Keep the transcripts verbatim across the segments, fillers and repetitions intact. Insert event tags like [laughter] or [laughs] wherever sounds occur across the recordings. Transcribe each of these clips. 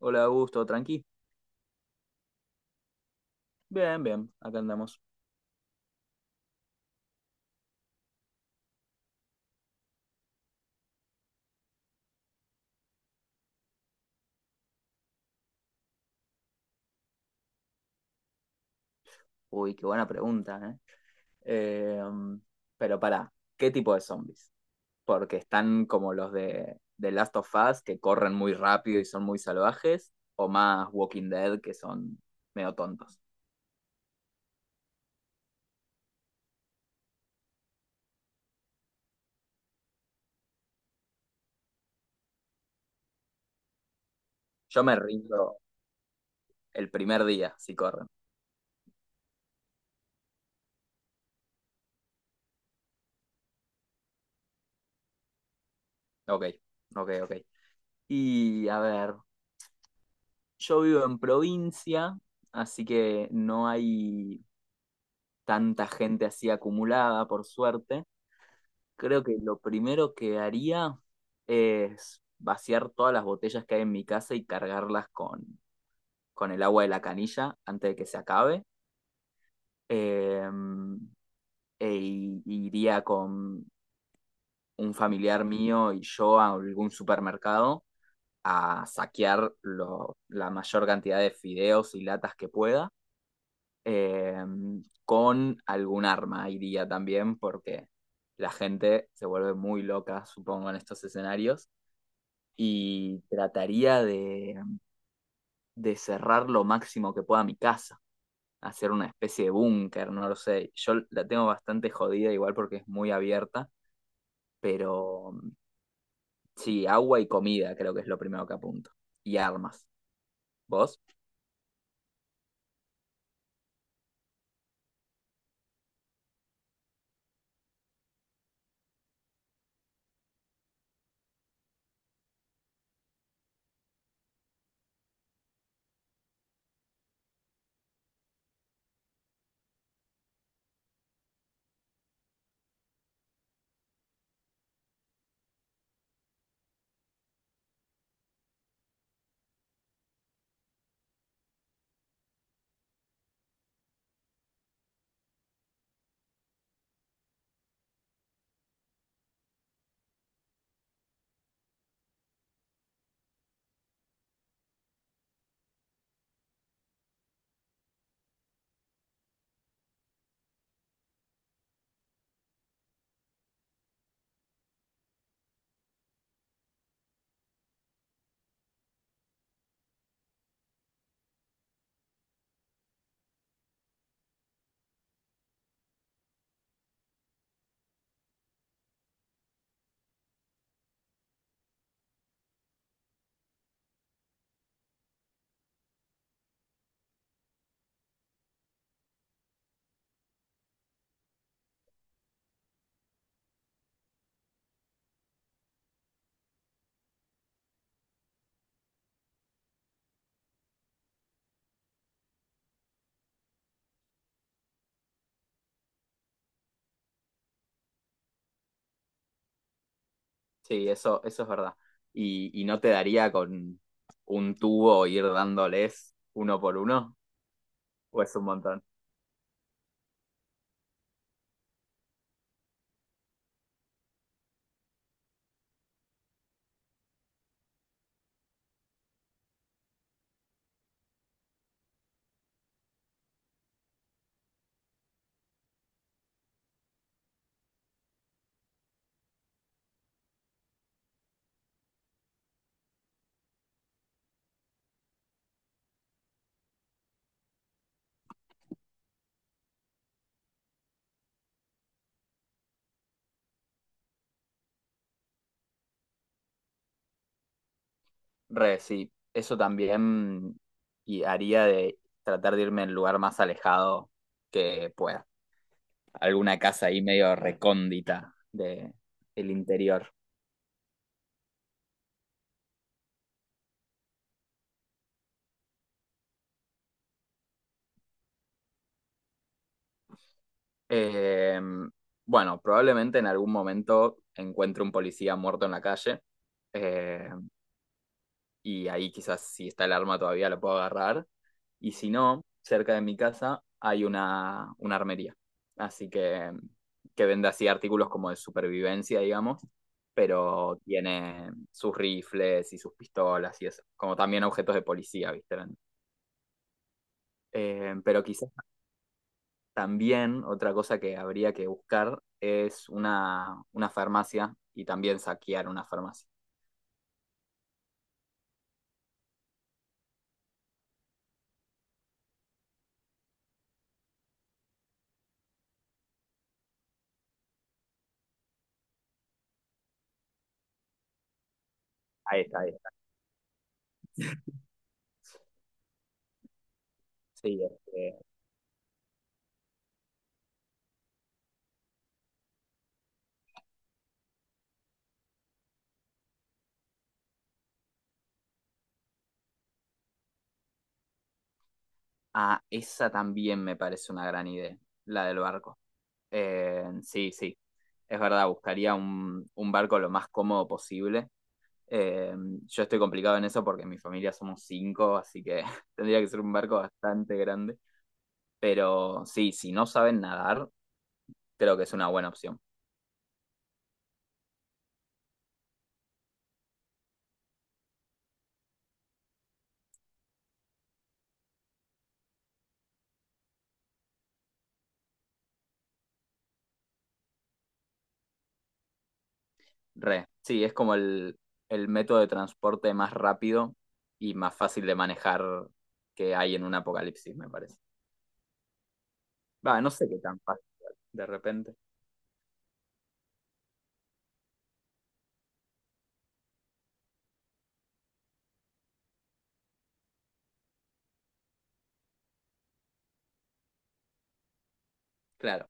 Hola, Augusto, tranqui. Bien, bien, acá andamos. Uy, qué buena pregunta, ¿eh? Eh, pero pará, ¿qué tipo de zombies? Porque están como los de, de Last of Us, que corren muy rápido y son muy salvajes, o más Walking Dead, que son medio tontos. Yo me rindo el primer día si corren. Ok, ok, ok. Y a ver, yo vivo en provincia, así que no hay tanta gente así acumulada, por suerte. Creo que lo primero que haría es vaciar todas las botellas que hay en mi casa y cargarlas con, con el agua de la canilla antes de que se acabe. Eh, e i- Iría con un familiar mío y yo a algún supermercado a saquear lo- la mayor cantidad de fideos y latas que pueda. Eh, con algún arma iría también porque la gente se vuelve muy loca, supongo, en estos escenarios. Y trataría de, de cerrar lo máximo que pueda mi casa, hacer una especie de búnker, no lo sé. Yo la tengo bastante jodida igual porque es muy abierta, pero mm, sí, agua y comida creo que es lo primero que apunto. Y armas. ¿Vos? Sí, eso, eso es verdad. Y, y no te daría con un tubo ir dándoles uno por uno, o es un montón. Re, sí, eso también y haría de tratar de irme al lugar más alejado que pueda. Alguna casa ahí medio recóndita de, del interior. Eh, bueno, probablemente en algún momento encuentre un policía muerto en la calle, eh, y ahí quizás si está el arma todavía lo puedo agarrar. Y si no, cerca de mi casa hay una, una armería. Así que que vende así artículos como de supervivencia, digamos, pero tiene sus rifles y sus pistolas y eso, como también objetos de policía, ¿viste? Eh, pero quizás También otra cosa que habría que buscar es una, una farmacia y también saquear una farmacia. Ahí está, ahí está. Sí, este, ah, esa también me parece una gran idea, la del barco. Eh, sí, sí, es verdad, buscaría un, un barco lo más cómodo posible. Eh, yo estoy complicado en eso porque en mi familia somos cinco, así que [laughs] tendría que ser un barco bastante grande. Pero sí, si no saben nadar, creo que es una buena opción. Re, sí, es como el, el método de transporte más rápido y más fácil de manejar que hay en un apocalipsis, me parece. Va, no sé qué tan fácil, de repente. Claro,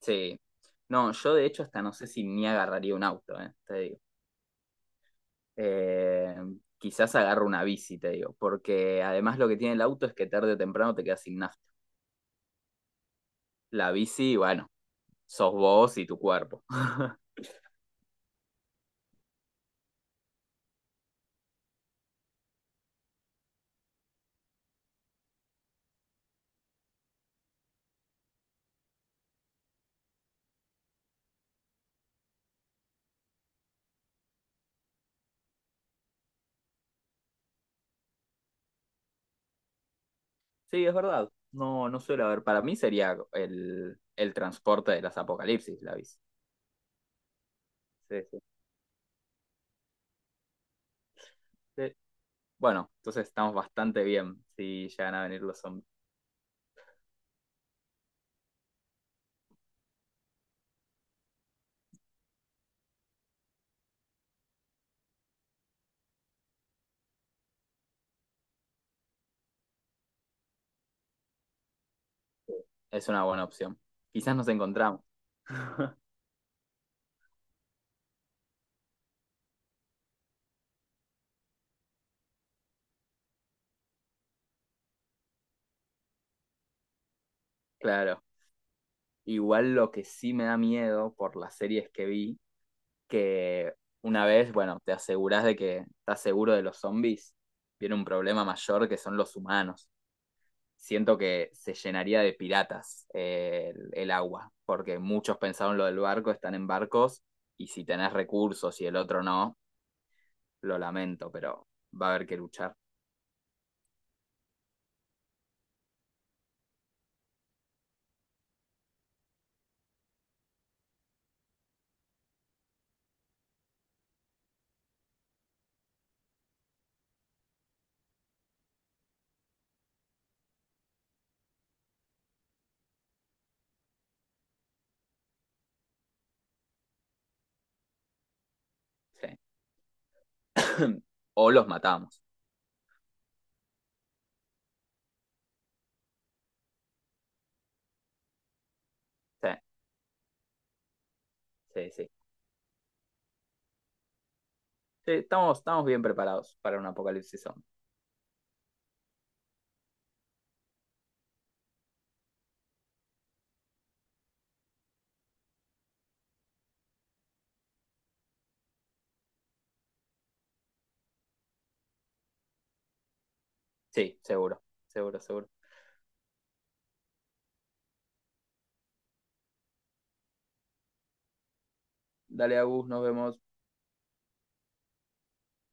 sí. No, yo de hecho hasta no sé si ni agarraría un auto, eh, te digo. Eh, Quizás agarro una bici, te digo, porque además lo que tiene el auto es que tarde o temprano te quedas sin nafta. La bici, bueno, sos vos y tu cuerpo. [laughs] Sí, es verdad. No, no suele haber. Para mí sería el, el transporte de las apocalipsis, la bici. Sí, sí, sí. Bueno, entonces estamos bastante bien si llegan a venir los zombies. Es una buena opción. Quizás nos encontramos, claro. Igual lo que sí me da miedo por las series que vi, que una vez, bueno, te asegurás de que estás seguro de los zombies, viene un problema mayor que son los humanos. Siento que se llenaría de piratas, eh, el, el agua, porque muchos pensaron lo del barco, están en barcos, y si tenés recursos y el otro no, lo lamento, pero va a haber que luchar. Sí. [coughs] O los matamos. Sí, sí, sí. Sí, estamos, estamos bien preparados para un apocalipsis zombie. Sí, seguro, seguro, seguro. Dale, Agus, nos vemos.